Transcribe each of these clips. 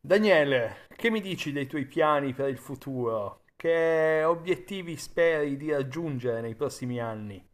Daniele, che mi dici dei tuoi piani per il futuro? Che obiettivi speri di raggiungere nei prossimi anni?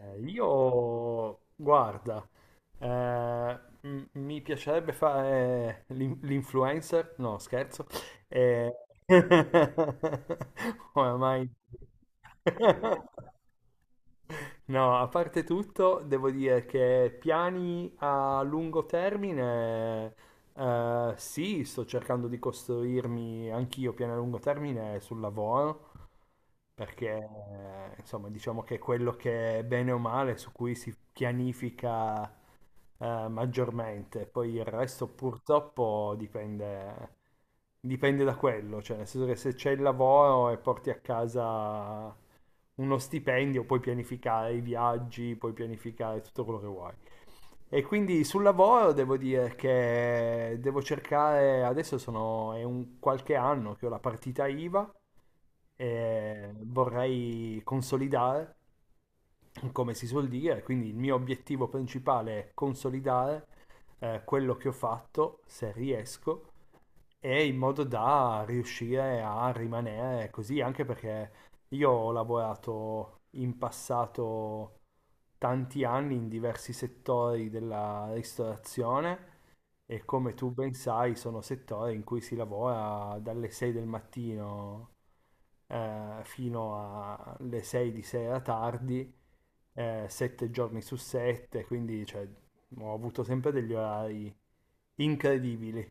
Io, guarda, eh, mi piacerebbe fare l'influencer, no, scherzo. Eh, Oramai. No, a parte tutto, devo dire che piani a lungo termine. Sì, sto cercando di costruirmi anch'io piani a lungo termine sul lavoro, perché insomma diciamo che è quello che bene o male su cui si pianifica maggiormente. Poi il resto purtroppo dipende, dipende da quello, cioè nel senso che se c'è il lavoro e porti a casa uno stipendio, puoi pianificare i viaggi, puoi pianificare tutto quello che vuoi. E quindi sul lavoro devo dire che devo cercare, adesso sono, è un qualche anno che ho la partita IVA e vorrei consolidare come si suol dire, quindi il mio obiettivo principale è consolidare quello che ho fatto, se riesco, e in modo da riuscire a rimanere così, anche perché io ho lavorato in passato tanti anni in diversi settori della ristorazione e come tu ben sai sono settori in cui si lavora dalle 6 del mattino fino alle 6 di sera tardi, sette giorni su sette, quindi cioè, ho avuto sempre degli orari incredibili.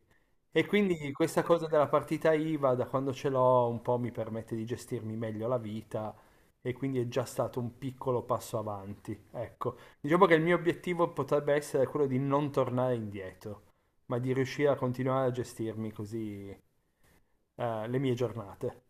E quindi questa cosa della partita IVA, da quando ce l'ho, un po' mi permette di gestirmi meglio la vita e quindi è già stato un piccolo passo avanti. Ecco, diciamo che il mio obiettivo potrebbe essere quello di non tornare indietro, ma di riuscire a continuare a gestirmi così, le mie giornate.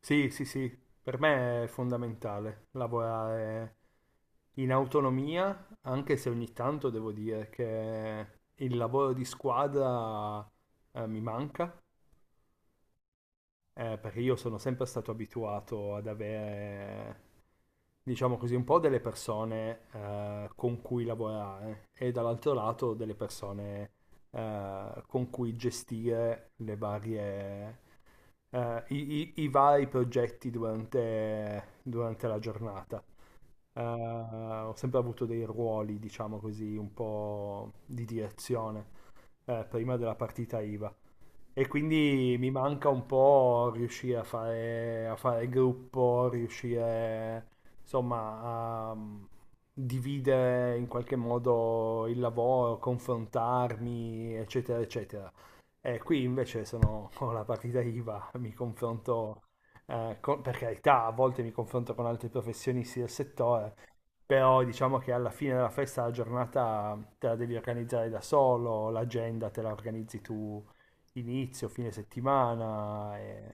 Sì, sì, sì, per me è fondamentale lavorare in autonomia, anche se ogni tanto devo dire che il lavoro di squadra mi manca, perché io sono sempre stato abituato ad avere, diciamo così, un po' delle persone con cui lavorare e dall'altro lato delle persone con cui gestire le varie, eh, i, i vari progetti durante la giornata. Ho sempre avuto dei ruoli, diciamo così, un po' di direzione, prima della partita IVA. E quindi mi manca un po' riuscire a fare gruppo, riuscire insomma a dividere in qualche modo il lavoro, confrontarmi, eccetera, eccetera. E qui invece sono con la partita IVA, mi confronto, per carità, a volte mi confronto con altri professionisti del settore, però diciamo che alla fine della festa la giornata te la devi organizzare da solo, l'agenda te la organizzi tu inizio, fine settimana, e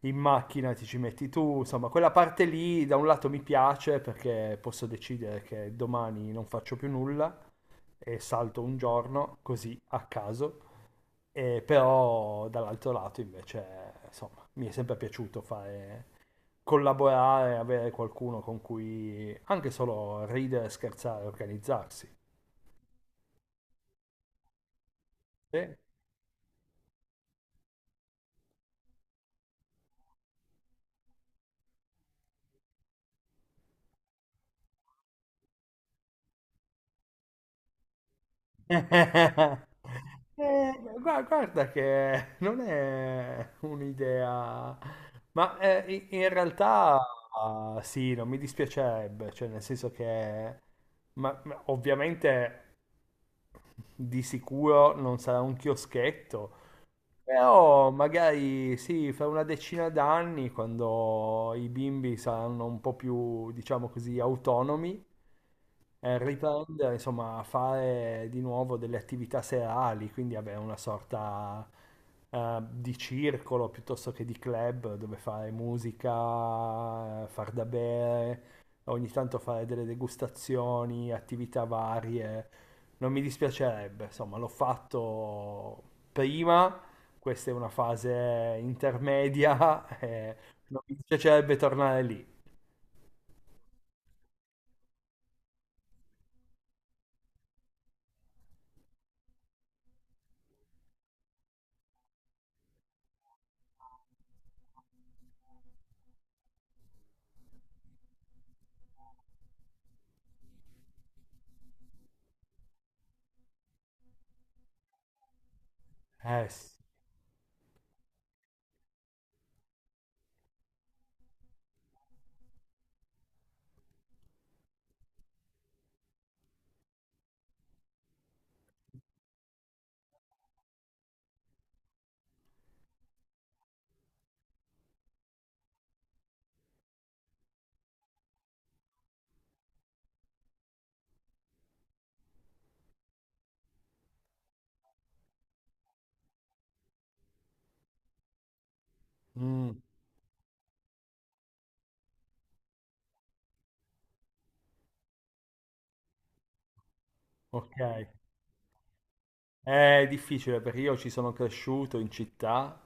in macchina ti ci metti tu, insomma, quella parte lì da un lato mi piace perché posso decidere che domani non faccio più nulla e salto un giorno così a caso, e però dall'altro lato invece, insomma, mi è sempre piaciuto fare collaborare, avere qualcuno con cui anche solo ridere, scherzare, organizzarsi. Sì. Eh, guarda che non è un'idea, ma in realtà, sì, non mi dispiacerebbe, cioè nel senso che ma ovviamente di sicuro non sarà un chioschetto, però magari sì, fra una decina d'anni, quando i bimbi saranno un po' più, diciamo così, autonomi, riprendere, insomma, a fare di nuovo delle attività serali, quindi avere una sorta, di circolo piuttosto che di club dove fare musica, far da bere, ogni tanto fare delle degustazioni, attività varie. Non mi dispiacerebbe, insomma, l'ho fatto prima. Questa è una fase intermedia, eh, non mi piacerebbe tornare lì. Eh sì. Mm. Ok. È difficile perché io ci sono cresciuto in città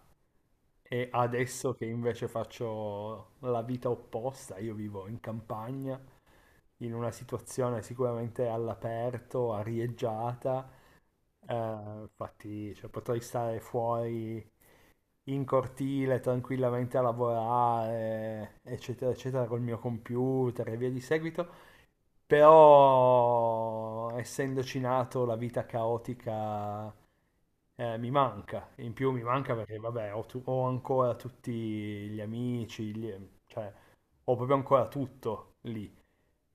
e adesso che invece faccio la vita opposta, io vivo in campagna, in una situazione sicuramente all'aperto, arieggiata, eh, infatti cioè, potrei stare fuori in cortile tranquillamente a lavorare, eccetera, eccetera, col mio computer e via di seguito. Però, essendoci nato, la vita caotica mi manca. In più mi manca perché, vabbè, ho ancora tutti gli amici, cioè, ho proprio ancora tutto lì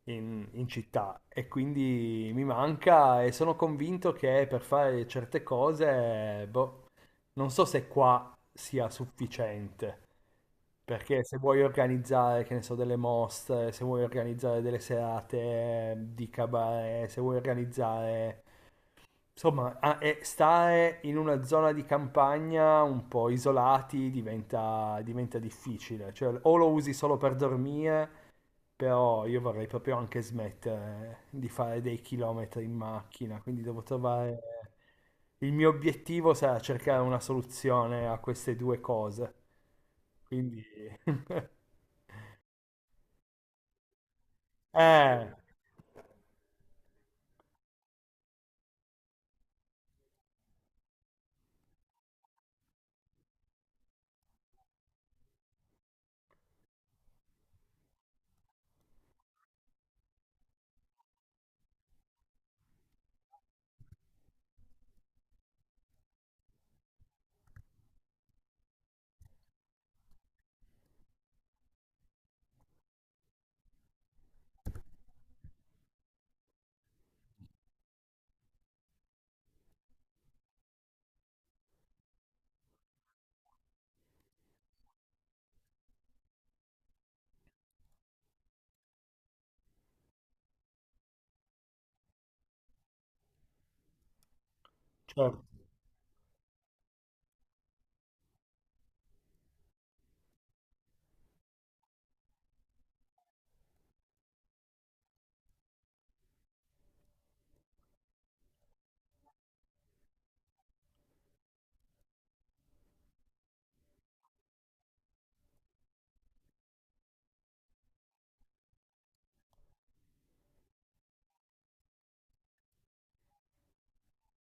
in città e quindi mi manca e sono convinto che per fare certe cose, boh, non so se qua sia sufficiente, perché se vuoi organizzare, che ne so, delle mostre, se vuoi organizzare delle serate di cabaret, se vuoi organizzare... Insomma, e stare in una zona di campagna un po' isolati diventa difficile, cioè o lo usi solo per dormire però io vorrei proprio anche smettere di fare dei chilometri in macchina, quindi devo trovare... Il mio obiettivo sarà cercare una soluzione a queste due cose. Quindi... Eh, certo.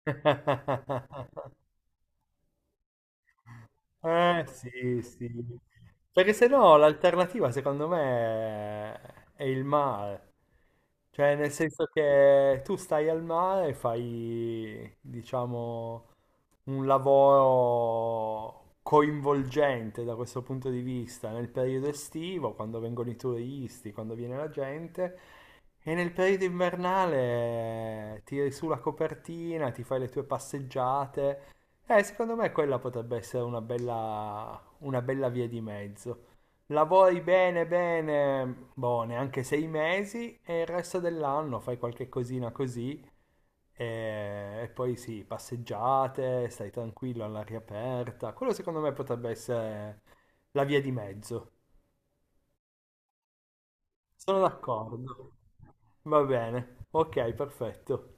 Eh sì, sì. Perché se no l'alternativa secondo me è il mare. Cioè nel senso che tu stai al mare e fai, diciamo, un lavoro coinvolgente da questo punto di vista nel periodo estivo, quando vengono i turisti, quando viene la gente, e nel periodo invernale tiri su la copertina, ti fai le tue passeggiate. Secondo me quella potrebbe essere una bella via di mezzo. Lavori bene, bene, boh, neanche 6 mesi e il resto dell'anno fai qualche cosina così e poi sì, passeggiate, stai tranquillo all'aria aperta. Quello secondo me potrebbe essere la via di mezzo. Sono d'accordo. Va bene. Ok, perfetto.